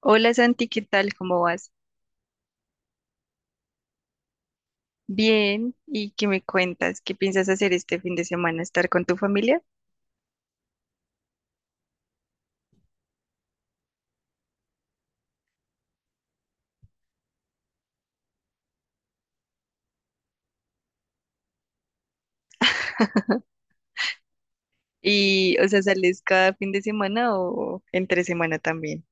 Hola Santi, ¿qué tal? ¿Cómo vas? Bien, ¿y qué me cuentas? ¿Qué piensas hacer este fin de semana? ¿Estar con tu familia? Y, o sea, ¿sales cada fin de semana o entre semana también?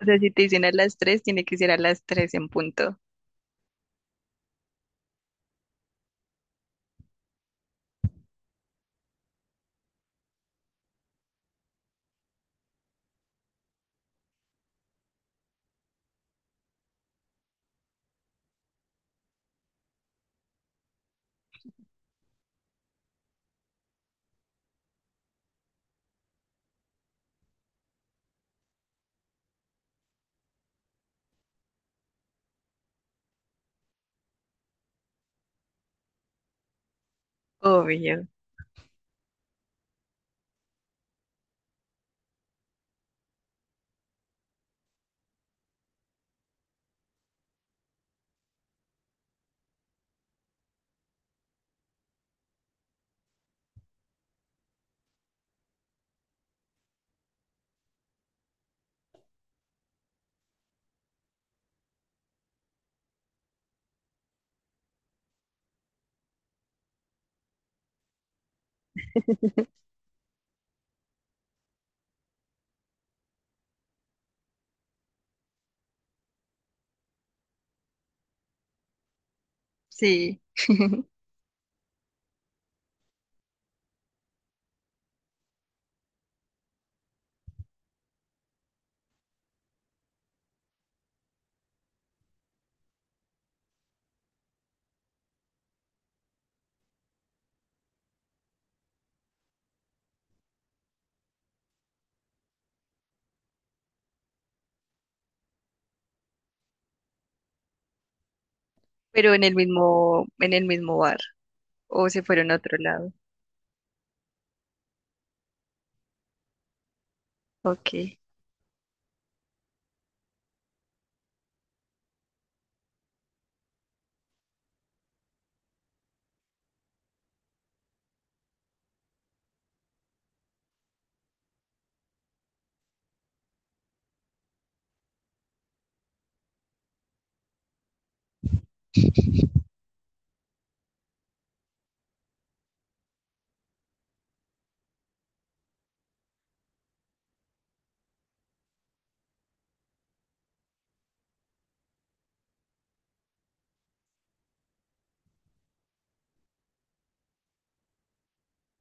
O sea, si te dicen a las tres, tiene que ser a las tres en punto. Obvio, sí. Pero en el mismo bar. O se fueron a otro lado. Ok.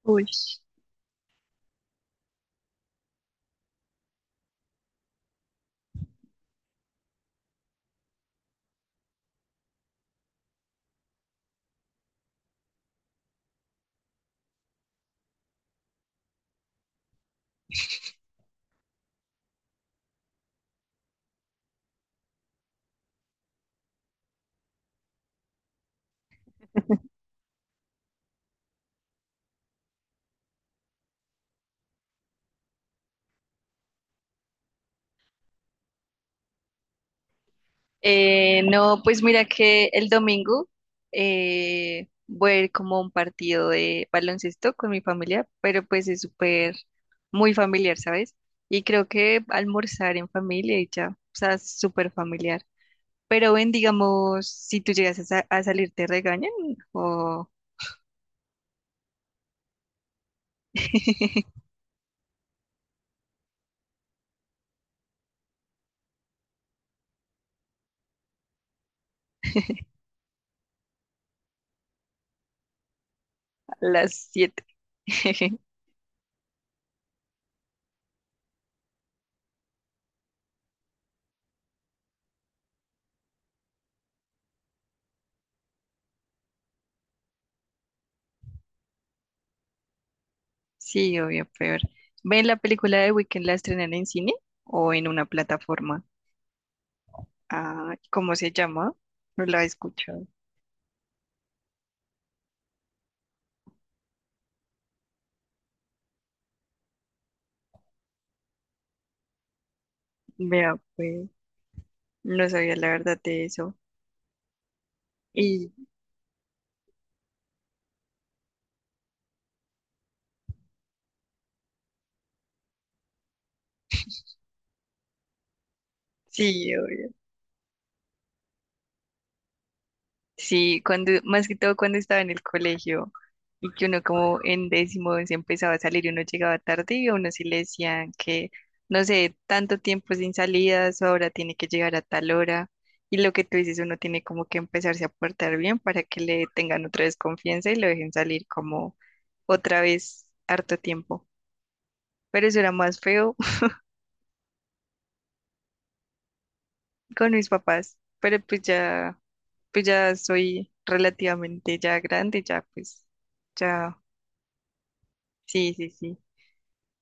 Uy. No, pues mira que el domingo voy a ir como a un partido de baloncesto con mi familia, pero pues es súper, muy familiar, ¿sabes? Y creo que almorzar en familia y ya, o sea, es súper familiar. Pero ven, digamos, si tú llegas a salir, ¿te regañan? O a las 7. Sí, obvio, peor. ¿Ven la película de Weekend la estrenan en cine o en una plataforma? Ah, ¿cómo se llama? No la he escuchado. Vea, pues, no sabía la verdad de eso. Y sí, obvio. Sí, más que todo cuando estaba en el colegio y que uno como en décimo se empezaba a salir y uno llegaba tarde y a uno sí le decían que, no sé, tanto tiempo sin salidas, ahora tiene que llegar a tal hora. Y lo que tú dices, uno tiene como que empezarse a portar bien para que le tengan otra vez confianza y lo dejen salir como otra vez harto tiempo. Pero eso era más feo con mis papás, pero pues ya soy relativamente ya grande, ya pues, ya, sí, sí, sí.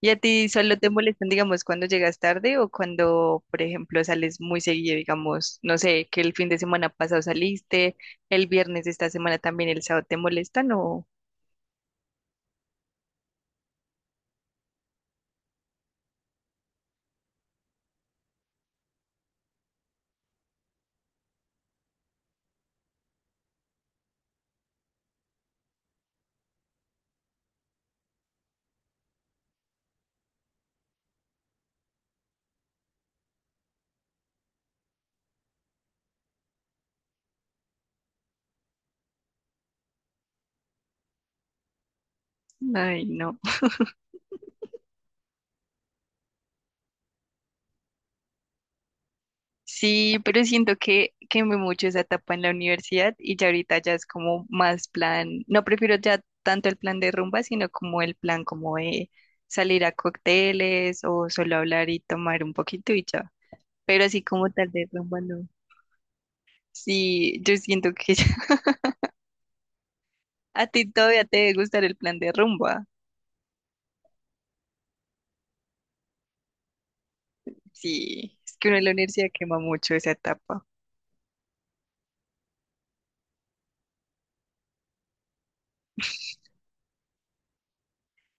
¿Y a ti solo te molestan, digamos, cuando llegas tarde o cuando, por ejemplo, sales muy seguido, digamos, no sé, que el fin de semana pasado saliste, el viernes de esta semana también, el sábado te molestan o, ay, no. Sí, pero siento que quemé mucho esa etapa en la universidad y ya ahorita ya es como más plan, no prefiero ya tanto el plan de rumba, sino como el plan como de salir a cócteles o solo hablar y tomar un poquito y ya. Pero así como tal de rumba no. Sí, yo siento que a ti todavía te debe gustar el plan de rumba. Sí, es que uno en la universidad quema mucho esa etapa.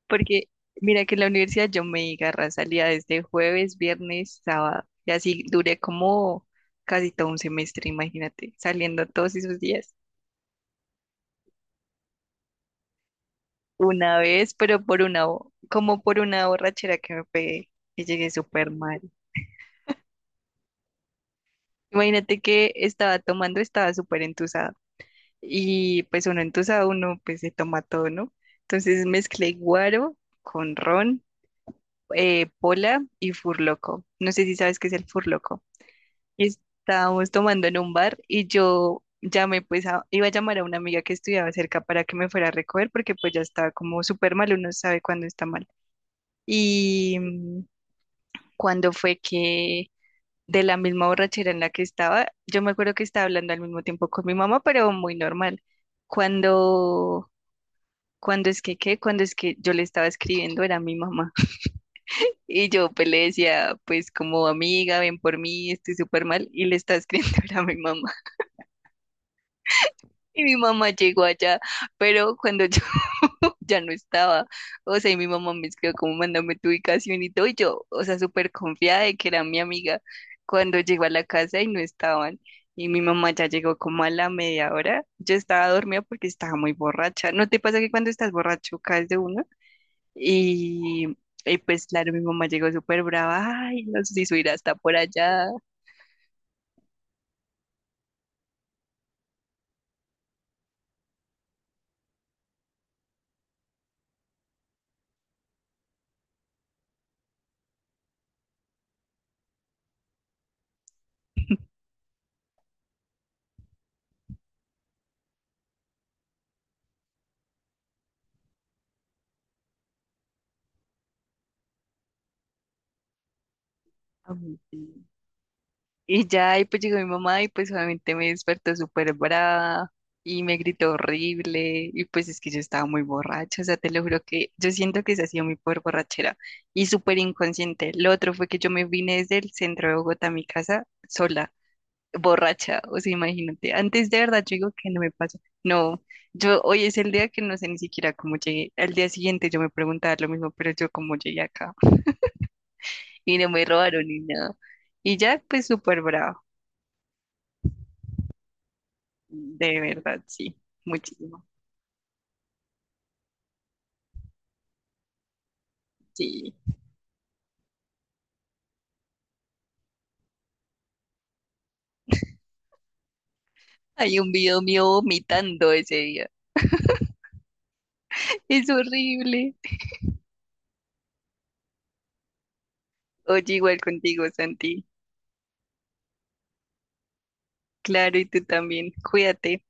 Porque mira que en la universidad yo me agarra salía desde jueves, viernes, sábado. Y así duré como casi todo un semestre, imagínate, saliendo todos esos días. Una vez, pero por como por una borrachera que me pegué y llegué súper mal. Imagínate que estaba tomando, estaba súper entusado. Y pues uno entusado, uno pues se toma todo, ¿no? Entonces mezclé guaro con ron, pola y furloco. No sé si sabes qué es el furloco. Estábamos tomando en un bar y yo llamé, pues iba a llamar a una amiga que estudiaba cerca para que me fuera a recoger porque pues ya estaba como súper mal, uno sabe cuándo está mal. Y cuando fue que de la misma borrachera en la que estaba, yo me acuerdo que estaba hablando al mismo tiempo con mi mamá, pero muy normal. Cuando, cuando es que, ¿qué? Cuando es que yo le estaba escribiendo era mi mamá. Y yo pues le decía, pues como amiga, ven por mí, estoy súper mal, y le estaba escribiendo era mi mamá. Y mi mamá llegó allá, pero cuando yo ya no estaba, o sea, y mi mamá me escribió como mándame tu ubicación y todo, y yo, o sea, súper confiada de que era mi amiga, cuando llegó a la casa y no estaban, y mi mamá ya llegó como a la media hora, yo estaba dormida porque estaba muy borracha, ¿no te pasa que cuando estás borracho caes de uno? Y, y pues claro, mi mamá llegó súper brava, ay, nos hizo ir hasta por allá. Ay, sí. Y ya, y pues llegó mi mamá y pues obviamente me despertó súper brava y me gritó horrible y pues es que yo estaba muy borracha, o sea, te lo juro que yo siento que esa ha sido mi peor borrachera y súper inconsciente. Lo otro fue que yo me vine desde el centro de Bogotá a mi casa sola, borracha, o sea, imagínate. Antes de verdad yo digo que no me pasa, no, yo hoy es el día que no sé ni siquiera cómo llegué. Al día siguiente yo me preguntaba lo mismo, pero yo cómo llegué acá y no me robaron ni nada. Y ya, pues súper brava. De verdad, sí, muchísimo. Sí, hay un video mío vomitando ese día. Es horrible. Oye, igual contigo, Santi. Claro, y tú también. Cuídate.